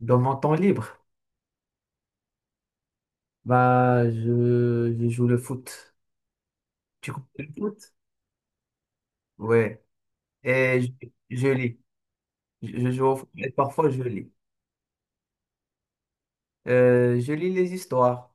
Dans mon temps libre, bah, je joue le foot. Tu comprends le foot? Ouais. Et je lis. Je joue au foot et parfois je lis. Je lis les histoires.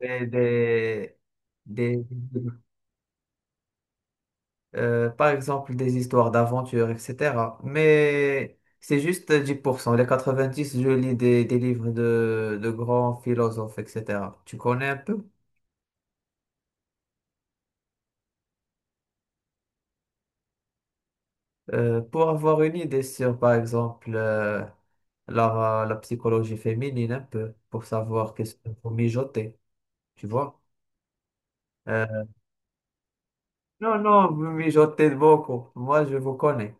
Et des, par exemple, des histoires d'aventure, etc. Mais c'est juste 10%. Les 90%, je lis des livres de grands philosophes, etc. Tu connais un peu? Pour avoir une idée sur, par exemple, la psychologie féminine un peu, pour savoir qu'est-ce qu'il faut mijoter, tu vois. Euh, non, non, vous mijotez beaucoup, moi je vous connais.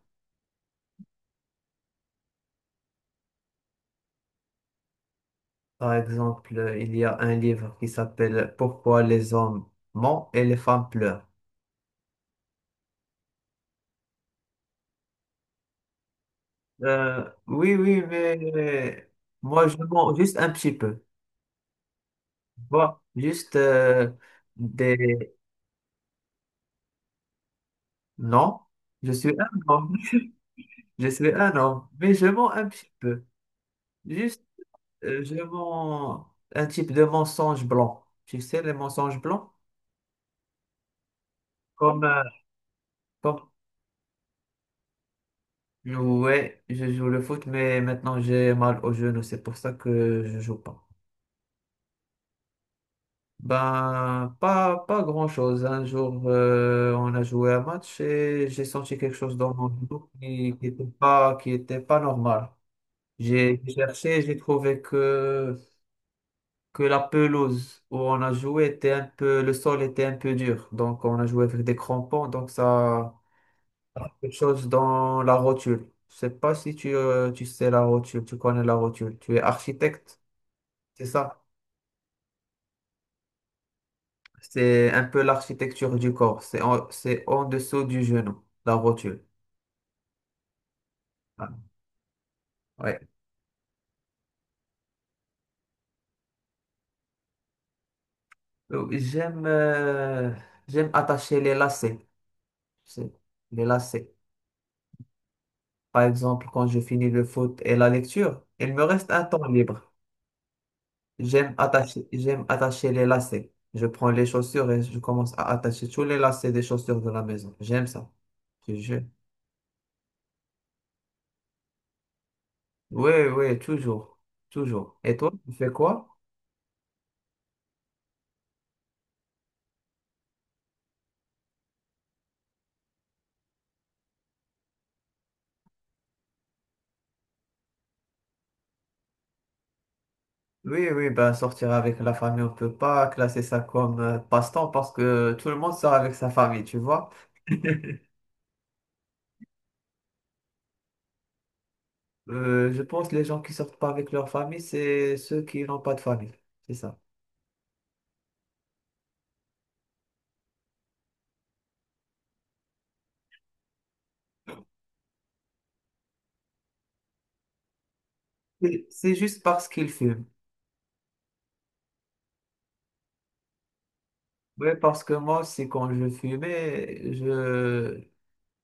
Par exemple, il y a un livre qui s'appelle Pourquoi les hommes mentent et les femmes pleurent. Oui, oui, mais moi je mens juste un petit peu, tu vois, juste des... Non, je suis un homme, je suis un homme, mais je mens un petit peu. Juste, je vends un type de mensonge blanc. Tu sais, les mensonges blancs? Comme, euh, comme ouais, je joue le foot, mais maintenant j'ai mal aux genoux. C'est pour ça que je joue pas. Ben, pas grand-chose. Un jour, on a joué un match et j'ai senti quelque chose dans mon genou qui était pas normal. J'ai cherché, j'ai trouvé que la pelouse où on a joué, le sol était un peu dur. Donc, on a joué avec des crampons. Donc, ça, quelque chose dans la rotule. Je sais pas si tu sais la rotule, tu connais la rotule. Tu es architecte, c'est ça? C'est un peu l'architecture du corps. C'est en dessous du genou, la rotule. Ah, ouais. Euh, J'aime, euh, j'aime attacher les lacets. C'est- Les lacets. Par exemple, quand je finis le foot et la lecture, il me reste un temps libre. J'aime attacher les lacets. Je prends les chaussures et je commence à attacher tous les lacets des chaussures de la maison. J'aime ça. Je, je- Oui, oui, toujours. Toujours. Et toi, tu fais quoi? Oui, oui, ben sortir avec la famille, on peut pas classer ça comme passe-temps parce que tout le monde sort avec sa famille, tu vois. Je pense que les gens qui sortent pas avec leur famille, c'est ceux qui n'ont pas de famille. C'est ça. C'est juste parce qu'ils fument. Oui, parce que moi aussi, quand je fumais, je,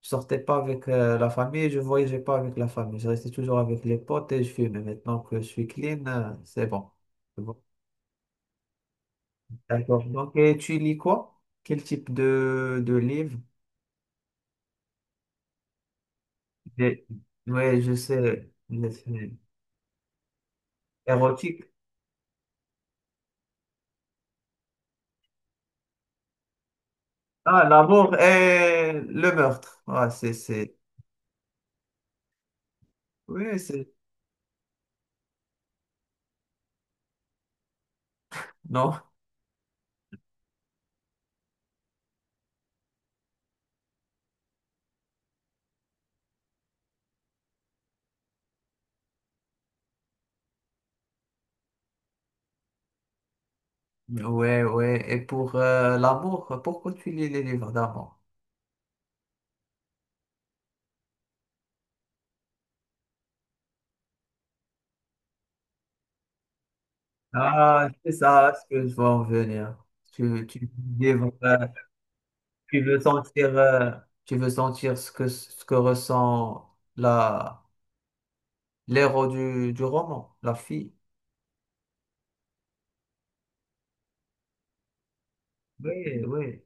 Je sortais pas avec la famille et je voyageais pas avec la famille. Je restais toujours avec les potes et je fumais. Maintenant que je suis clean, c'est bon. C'est bon. D'accord. Donc, et tu lis quoi? Quel type de livre? Des- Ouais, je sais. Je sais. Érotique. Ah, l'amour et le meurtre. Ah, c'est. Oui, c'est. Non. Ouais, ouais. Et pour l'amour, pourquoi tu lis les livres d'amour? Ah, c'est ça ce que je vois en venir. Tu livres. Tu veux sentir, euh, tu veux sentir ce que ressent l'héros du roman, la fille. Oui, oui.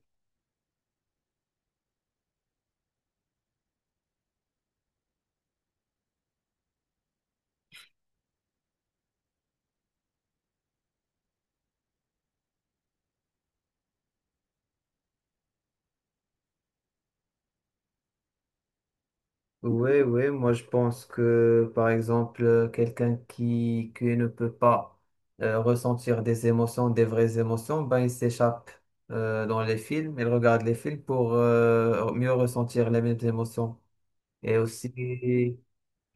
Oui, oui, moi je pense que par exemple, quelqu'un qui ne peut pas ressentir des émotions, des vraies émotions, ben il s'échappe dans les films, il regarde les films pour mieux ressentir les mêmes émotions. Et aussi,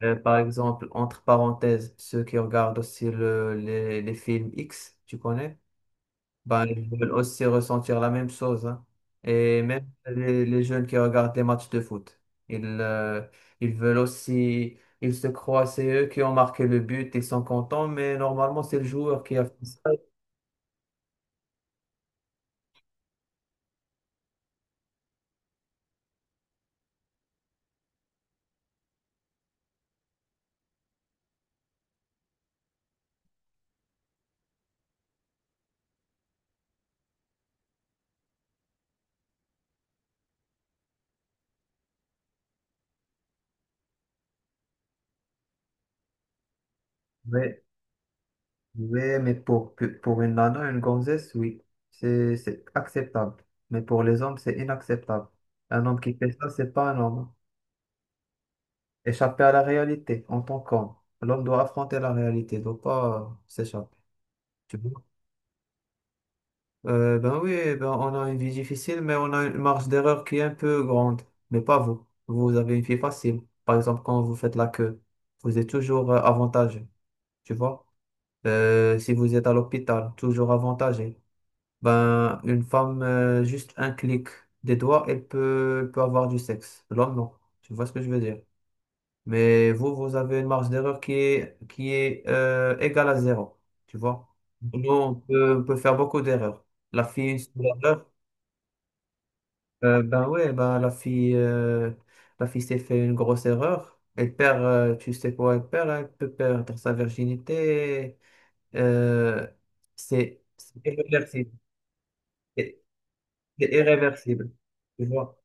Par exemple, entre parenthèses, ceux qui regardent aussi les films X, tu connais, ben, ils veulent aussi ressentir la même chose, hein. Et même les jeunes qui regardent des matchs de foot, ils, euh, ils veulent aussi, ils se croient, c'est eux qui ont marqué le but, ils sont contents, mais normalement, c'est le joueur qui a fait ça. Mais, mais pour une nana, une gonzesse, oui, c'est acceptable. Mais pour les hommes, c'est inacceptable. Un homme qui fait ça, c'est pas un homme, hein. Échapper à la réalité en tant qu'homme. L'homme doit affronter la réalité, il doit pas s'échapper. Tu vois? Ben oui, ben on a une vie difficile, mais on a une marge d'erreur qui est un peu grande. Mais pas vous. Vous avez une vie facile. Par exemple, quand vous faites la queue, vous êtes toujours avantagé. Tu vois? Si vous êtes à l'hôpital, toujours avantagé. Ben, une femme, juste un clic des doigts, elle peut avoir du sexe. L'homme, non. Tu vois ce que je veux dire? Mais vous, vous avez une marge d'erreur qui est égale à 0. Tu vois? Nous, on peut faire beaucoup d'erreurs. La fille, une seule erreur. Ben ouais, ben la fille s'est fait une grosse erreur. Elle perd, tu sais quoi, elle perd, hein, elle peut perdre sa virginité. Euh, c'est irréversible. C'est c'est irréversible. Tu vois?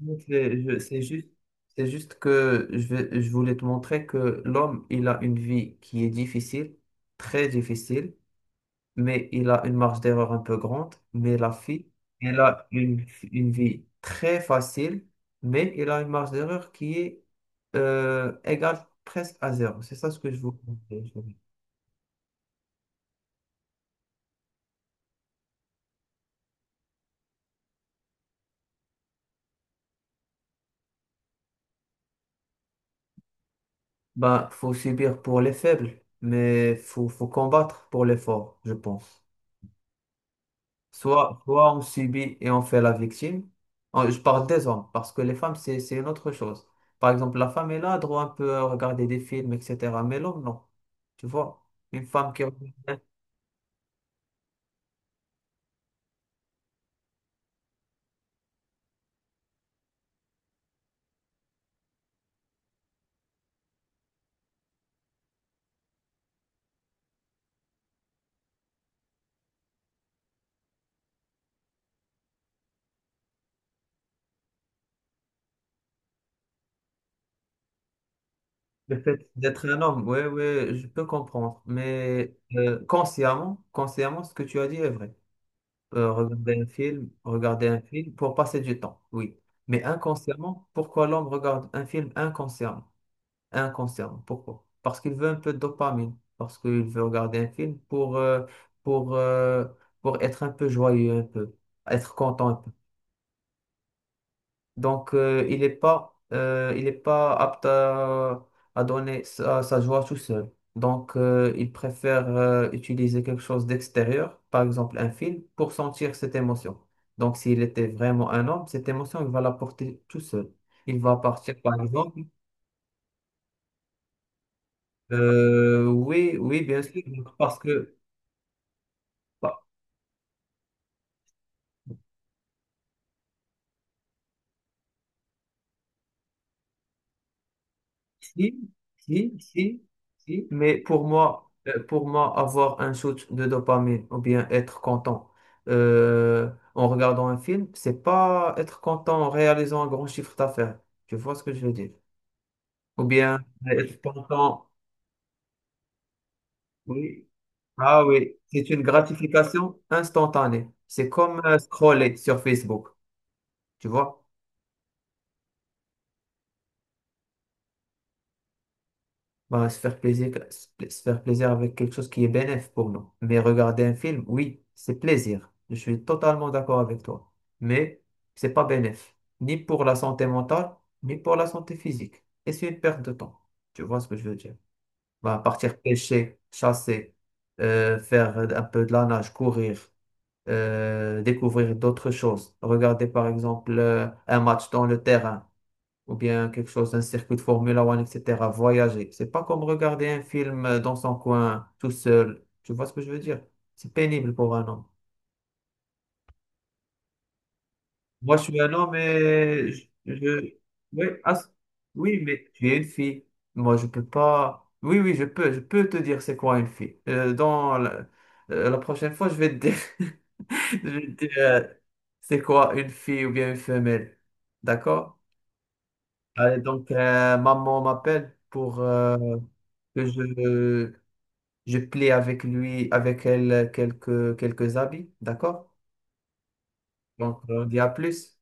Donc, C'est juste, que je voulais te montrer que l'homme, il a une vie qui est difficile, très difficile, mais il a une marge d'erreur un peu grande. Mais la fille, elle a une vie très facile, mais elle a une marge d'erreur qui est égale presque à 0. C'est ça ce que je vous conseille. Ben, faut subir pour les faibles, mais faut combattre pour les forts, je pense. Soit on subit et on fait la victime. Je parle des hommes, parce que les femmes, c'est une autre chose. Par exemple, la femme, elle a droit un peu à regarder des films, etc. Mais l'homme, non. Tu vois, une femme qui regrette le fait d'être un homme, oui, oui, je peux comprendre. Mais consciemment, consciemment, ce que tu as dit est vrai. Regarder un film, regarder un film pour passer du temps, oui. Mais inconsciemment, pourquoi l'homme regarde un film inconsciemment? Inconsciemment. Pourquoi? Parce qu'il veut un peu de dopamine, parce qu'il veut regarder un film pour, euh, pour être un peu joyeux, un peu, être content un peu. Donc, il est pas apte à donner sa joie tout seul. Donc, il préfère utiliser quelque chose d'extérieur, par exemple un film, pour sentir cette émotion. Donc, s'il était vraiment un homme, cette émotion, il va la porter tout seul. Il va partir, par exemple. Oui, oui, bien sûr. Donc, parce que, bah, si, si, si, si, mais pour moi, avoir un shoot de dopamine ou bien être content en regardant un film, c'est pas être content en réalisant un grand chiffre d'affaires. Tu vois ce que je veux dire? Ou bien être content, oui. Ah oui, c'est une gratification instantanée. C'est comme scroller sur Facebook, tu vois? Bah, se faire plaisir avec quelque chose qui est bénéfique pour nous. Mais regarder un film, oui, c'est plaisir. Je suis totalement d'accord avec toi. Mais c'est pas bénéfique, ni pour la santé mentale, ni pour la santé physique. Et c'est une perte de temps. Tu vois ce que je veux dire? Bah, partir pêcher, chasser, faire un peu de la nage, courir, découvrir d'autres choses. Regarder par exemple un match dans le terrain ou bien quelque chose, un circuit de Formule One, etc. Voyager. C'est pas comme regarder un film dans son coin, tout seul. Tu vois ce que je veux dire? C'est pénible pour un homme. Moi, je suis un homme et je- Oui, ah, oui, mais tu es une fille. Moi, je peux pas... Oui, oui, je peux. Je peux te dire c'est quoi une fille. La prochaine fois, je vais te dire, je vais te dire c'est quoi une fille ou bien une femelle. D'accord? Allez, donc, maman m'appelle pour que je plie avec lui, avec elle, quelques habits, d'accord? Donc, on dit à plus.